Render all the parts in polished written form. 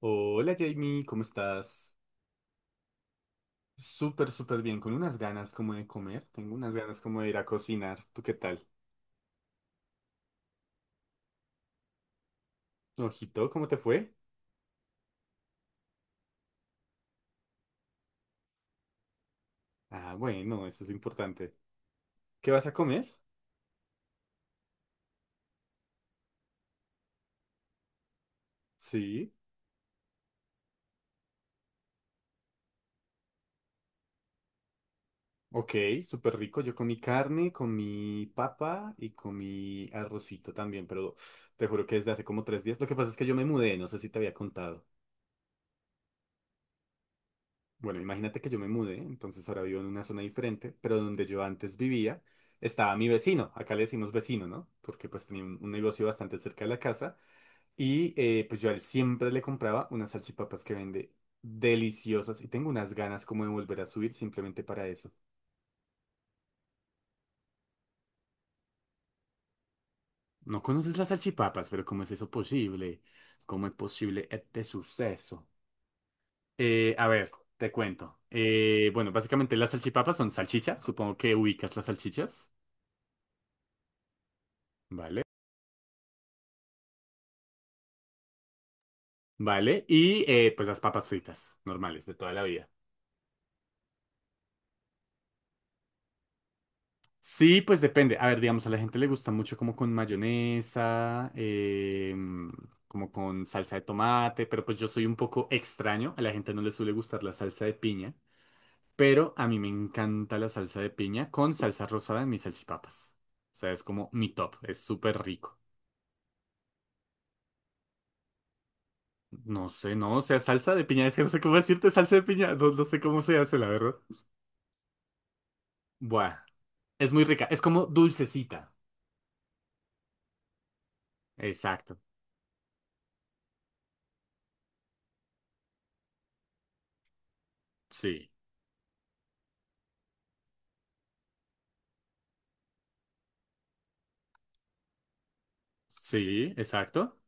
Hola Jamie, ¿cómo estás? Súper bien, con unas ganas como de comer, tengo unas ganas como de ir a cocinar. ¿Tú qué tal? Ojito, ¿cómo te fue? Ah, bueno, eso es lo importante. ¿Qué vas a comer? Sí, ok, súper rico. Yo comí carne, comí papa y comí arrocito también, pero te juro que desde hace como tres días. Lo que pasa es que yo me mudé, no sé si te había contado. Bueno, imagínate que yo me mudé, entonces ahora vivo en una zona diferente, pero donde yo antes vivía estaba mi vecino, acá le decimos vecino, ¿no? Porque pues tenía un negocio bastante cerca de la casa y pues yo a él siempre le compraba unas salchipapas que vende deliciosas y tengo unas ganas como de volver a subir simplemente para eso. No conoces las salchipapas, pero ¿cómo es eso posible? ¿Cómo es posible este suceso? A ver, te cuento. Bueno, básicamente las salchipapas son salchichas, supongo que ubicas las salchichas, ¿vale? ¿Vale? Y pues las papas fritas, normales, de toda la vida. Sí, pues depende. A ver, digamos, a la gente le gusta mucho como con mayonesa, como con salsa de tomate, pero pues yo soy un poco extraño. A la gente no le suele gustar la salsa de piña, pero a mí me encanta la salsa de piña con salsa rosada en mis salchipapas. O sea, es como mi top, es súper rico. No sé, no, o sea, salsa de piña, es que no sé cómo decirte salsa de piña, no, no sé cómo se hace, la verdad. Buah, es muy rica, es como dulcecita. Exacto. Sí. Sí, exacto.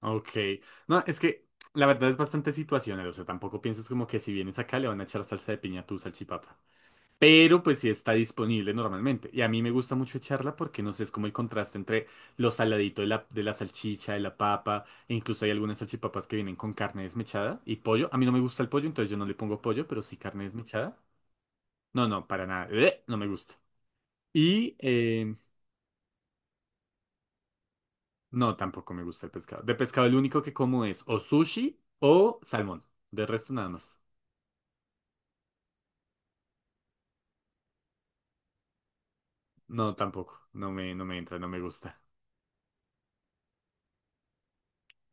Ok. No, es que la verdad es bastante situacional. O sea, tampoco pienses como que si vienes acá le van a echar salsa de piña a tu salchipapa. Pero pues sí está disponible normalmente. Y a mí me gusta mucho echarla porque no sé, es como el contraste entre lo saladito de la salchicha, de la papa. E incluso hay algunas salchipapas que vienen con carne desmechada y pollo. A mí no me gusta el pollo, entonces yo no le pongo pollo, pero sí carne desmechada. No, no, para nada. No me gusta. Y no, tampoco me gusta el pescado. De pescado, el único que como es o sushi o salmón. De resto, nada más. No, tampoco. No me entra, no me gusta.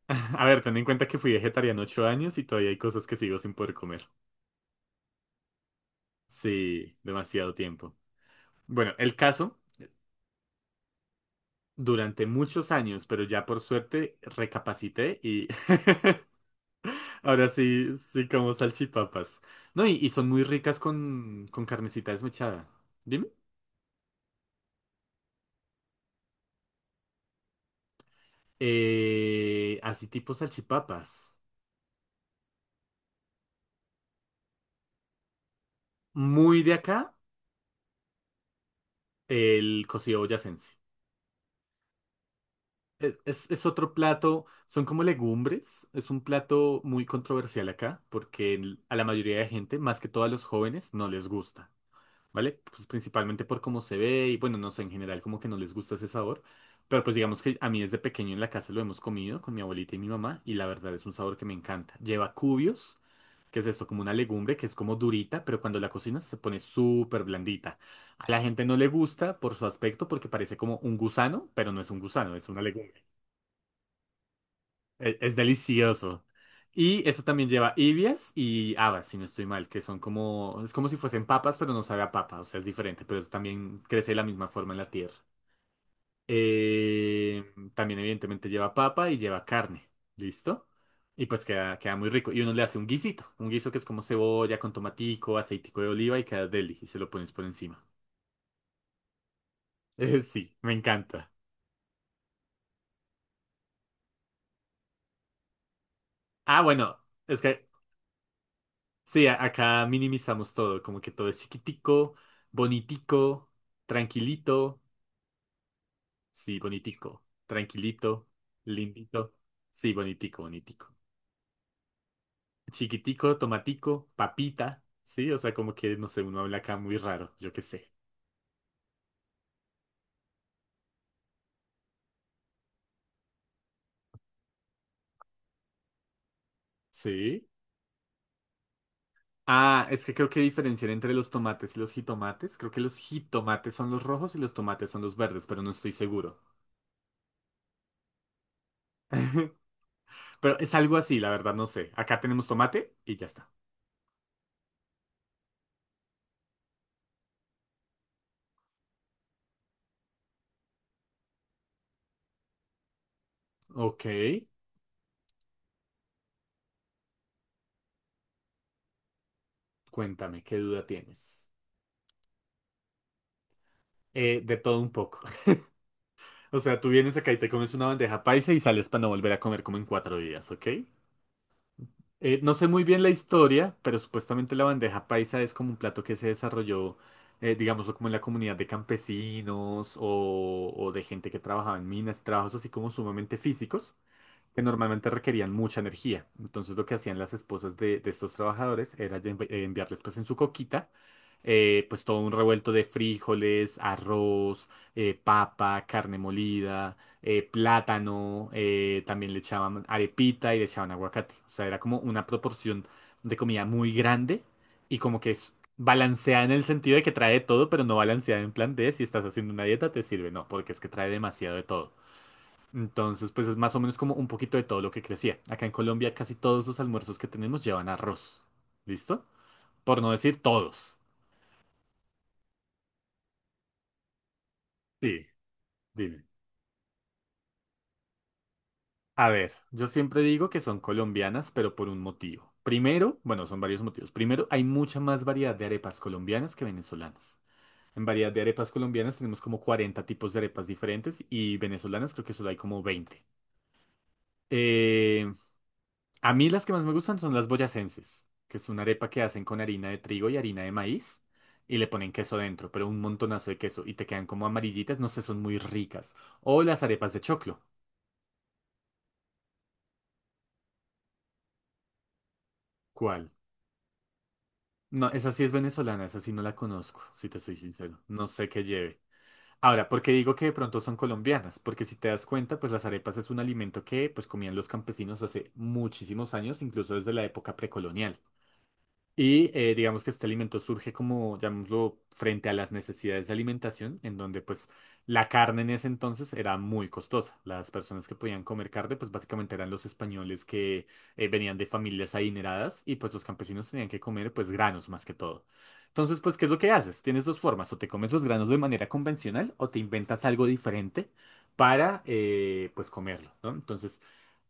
A ver, ten en cuenta que fui vegetariano 8 años y todavía hay cosas que sigo sin poder comer. Sí, demasiado tiempo. Bueno, el caso, durante muchos años, pero ya por suerte recapacité y ahora sí, sí como salchipapas. No, y son muy ricas con carnecita desmechada. Dime. Así tipo salchipapas. Muy de acá, el cocido boyacense. Es otro plato, son como legumbres, es un plato muy controversial acá, porque el- a la mayoría de gente, más que todo a los jóvenes, no les gusta, ¿vale? Pues principalmente por cómo se ve y bueno, no sé, en general como que no les gusta ese sabor, pero pues digamos que a mí desde pequeño en la casa lo hemos comido con mi abuelita y mi mamá y la verdad es un sabor que me encanta. Lleva cubios. ¿Qué es esto? Como una legumbre que es como durita, pero cuando la cocinas se pone súper blandita. A la gente no le gusta por su aspecto porque parece como un gusano, pero no es un gusano, es una legumbre. Delicioso. Y eso también lleva ibias y habas, si no estoy mal, que son como, es como si fuesen papas, pero no sabe a papa, o sea, es diferente, pero eso también crece de la misma forma en la tierra. Eh, También evidentemente lleva papa y lleva carne. ¿Listo? Y pues queda, queda muy rico. Y uno le hace un guisito. Un guiso que es como cebolla con tomatico, aceitico de oliva y queda deli. Y se lo pones por encima. Sí, me encanta. Ah, bueno, es que sí, acá minimizamos todo. Como que todo es chiquitico, bonitico, tranquilito. Sí, bonitico. Tranquilito, lindito. Sí, bonitico, bonitico. Chiquitico, tomatico, papita, ¿sí? O sea, como que, no sé, uno habla acá muy raro, yo qué sé, ¿sí? Ah, es que creo que diferencian entre los tomates y los jitomates. Creo que los jitomates son los rojos y los tomates son los verdes, pero no estoy seguro. Pero es algo así, la verdad, no sé. Acá tenemos tomate y ya está. Ok, cuéntame, ¿qué duda tienes? De todo un poco. O sea, tú vienes acá y te comes una bandeja paisa y sales para no volver a comer como en cuatro días, ¿ok? No sé muy bien la historia, pero supuestamente la bandeja paisa es como un plato que se desarrolló, digámoslo, como en la comunidad de campesinos o de gente que trabajaba en minas, trabajos así como sumamente físicos que normalmente requerían mucha energía. Entonces lo que hacían las esposas de estos trabajadores era ya enviarles pues en su coquita pues todo un revuelto de frijoles, arroz, papa, carne molida, plátano, también le echaban arepita y le echaban aguacate. O sea, era como una proporción de comida muy grande y como que es balanceada en el sentido de que trae de todo, pero no balanceada en plan de si estás haciendo una dieta te sirve, no, porque es que trae demasiado de todo. Entonces, pues es más o menos como un poquito de todo lo que crecía. Acá en Colombia casi todos los almuerzos que tenemos llevan arroz. ¿Listo? Por no decir todos. Sí, dime. A ver, yo siempre digo que son colombianas, pero por un motivo. Primero, bueno, son varios motivos. Primero, hay mucha más variedad de arepas colombianas que venezolanas. En variedad de arepas colombianas tenemos como 40 tipos de arepas diferentes y venezolanas creo que solo hay como 20. Eh, A mí las que más me gustan son las boyacenses, que es una arepa que hacen con harina de trigo y harina de maíz y le ponen queso dentro, pero un montonazo de queso y te quedan como amarillitas, no sé, son muy ricas. O las arepas de choclo. ¿Cuál? No, esa sí es venezolana, esa sí no la conozco, si te soy sincero. No sé qué lleve. Ahora, ¿por qué digo que de pronto son colombianas? Porque si te das cuenta, pues las arepas es un alimento que pues comían los campesinos hace muchísimos años, incluso desde la época precolonial. Y digamos que este alimento surge como, llamémoslo, frente a las necesidades de alimentación, en donde pues la carne en ese entonces era muy costosa. Las personas que podían comer carne pues básicamente eran los españoles que venían de familias adineradas y pues los campesinos tenían que comer pues granos más que todo. Entonces pues, ¿qué es lo que haces? Tienes dos formas, o te comes los granos de manera convencional o te inventas algo diferente para pues comerlo, ¿no? Entonces...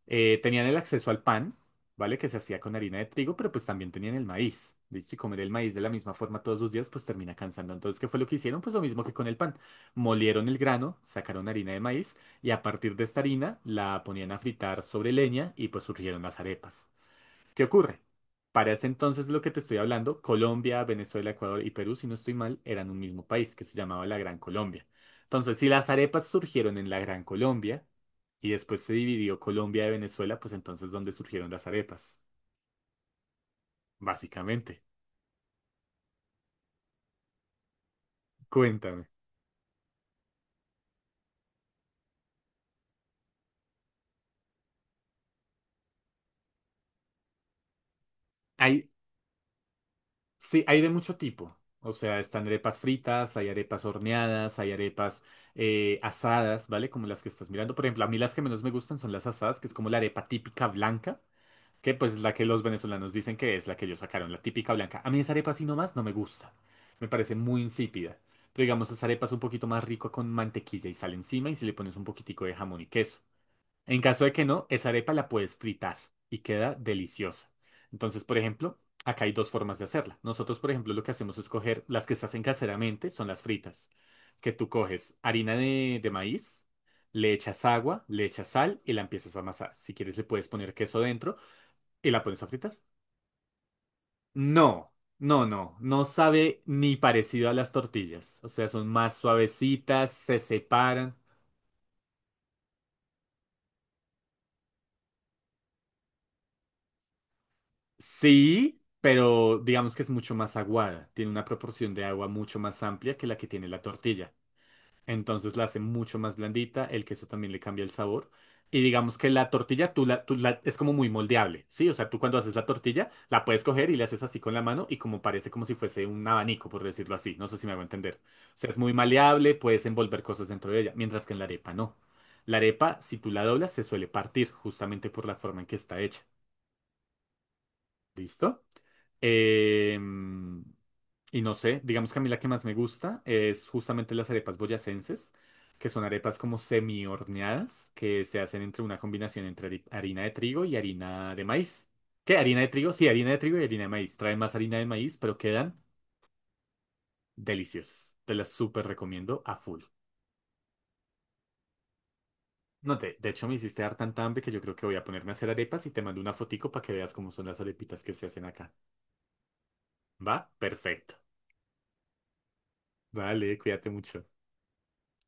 Tenían el acceso al pan, ¿vale? Que se hacía con harina de trigo, pero pues también tenían el maíz, ¿listo? Y comer el maíz de la misma forma todos los días, pues termina cansando. Entonces, ¿qué fue lo que hicieron? Pues lo mismo que con el pan. Molieron el grano, sacaron harina de maíz y a partir de esta harina la ponían a fritar sobre leña y pues surgieron las arepas. ¿Qué ocurre? Para este entonces lo que te estoy hablando, Colombia, Venezuela, Ecuador y Perú, si no estoy mal, eran un mismo país que se llamaba la Gran Colombia. Entonces, si las arepas surgieron en la Gran Colombia y después se dividió Colombia de Venezuela, pues entonces ¿dónde surgieron las arepas? Básicamente. Cuéntame. Hay, sí, hay de mucho tipo. O sea, están arepas fritas, hay arepas horneadas, hay arepas asadas, ¿vale? Como las que estás mirando. Por ejemplo, a mí las que menos me gustan son las asadas, que es como la arepa típica blanca. Que pues la que los venezolanos dicen que es la que ellos sacaron, la típica blanca. A mí esa arepa así nomás no me gusta. Me parece muy insípida. Pero digamos, esa arepa es un poquito más rico con mantequilla y sal encima y si le pones un poquitico de jamón y queso. En caso de que no, esa arepa la puedes fritar y queda deliciosa. Entonces, por ejemplo, acá hay dos formas de hacerla. Nosotros, por ejemplo, lo que hacemos es coger las que se hacen caseramente, son las fritas. Que tú coges harina de maíz, le echas agua, le echas sal y la empiezas a amasar. Si quieres, le puedes poner queso dentro. ¿Y la pones a fritar? No, no, no, no sabe ni parecido a las tortillas. O sea, son más suavecitas, se separan. Sí, pero digamos que es mucho más aguada. Tiene una proporción de agua mucho más amplia que la que tiene la tortilla. Entonces la hace mucho más blandita, el queso también le cambia el sabor. Y digamos que la tortilla tú es como muy moldeable, ¿sí? O sea, tú cuando haces la tortilla la puedes coger y le haces así con la mano y como parece como si fuese un abanico, por decirlo así. No sé si me hago entender. O sea, es muy maleable, puedes envolver cosas dentro de ella, mientras que en la arepa no. La arepa, si tú la doblas, se suele partir justamente por la forma en que está hecha. ¿Listo? Eh, y no sé, digamos que a mí la que más me gusta es justamente las arepas boyacenses, que son arepas como semi horneadas, que se hacen entre una combinación entre harina de trigo y harina de maíz. ¿Qué? ¿Harina de trigo? Sí, harina de trigo y harina de maíz. Traen más harina de maíz, pero quedan deliciosas. Te las súper recomiendo a full. No, de hecho me hiciste dar tanta hambre que yo creo que voy a ponerme a hacer arepas y te mando una fotico para que veas cómo son las arepitas que se hacen acá. ¿Va? Perfecto. Vale, cuídate mucho.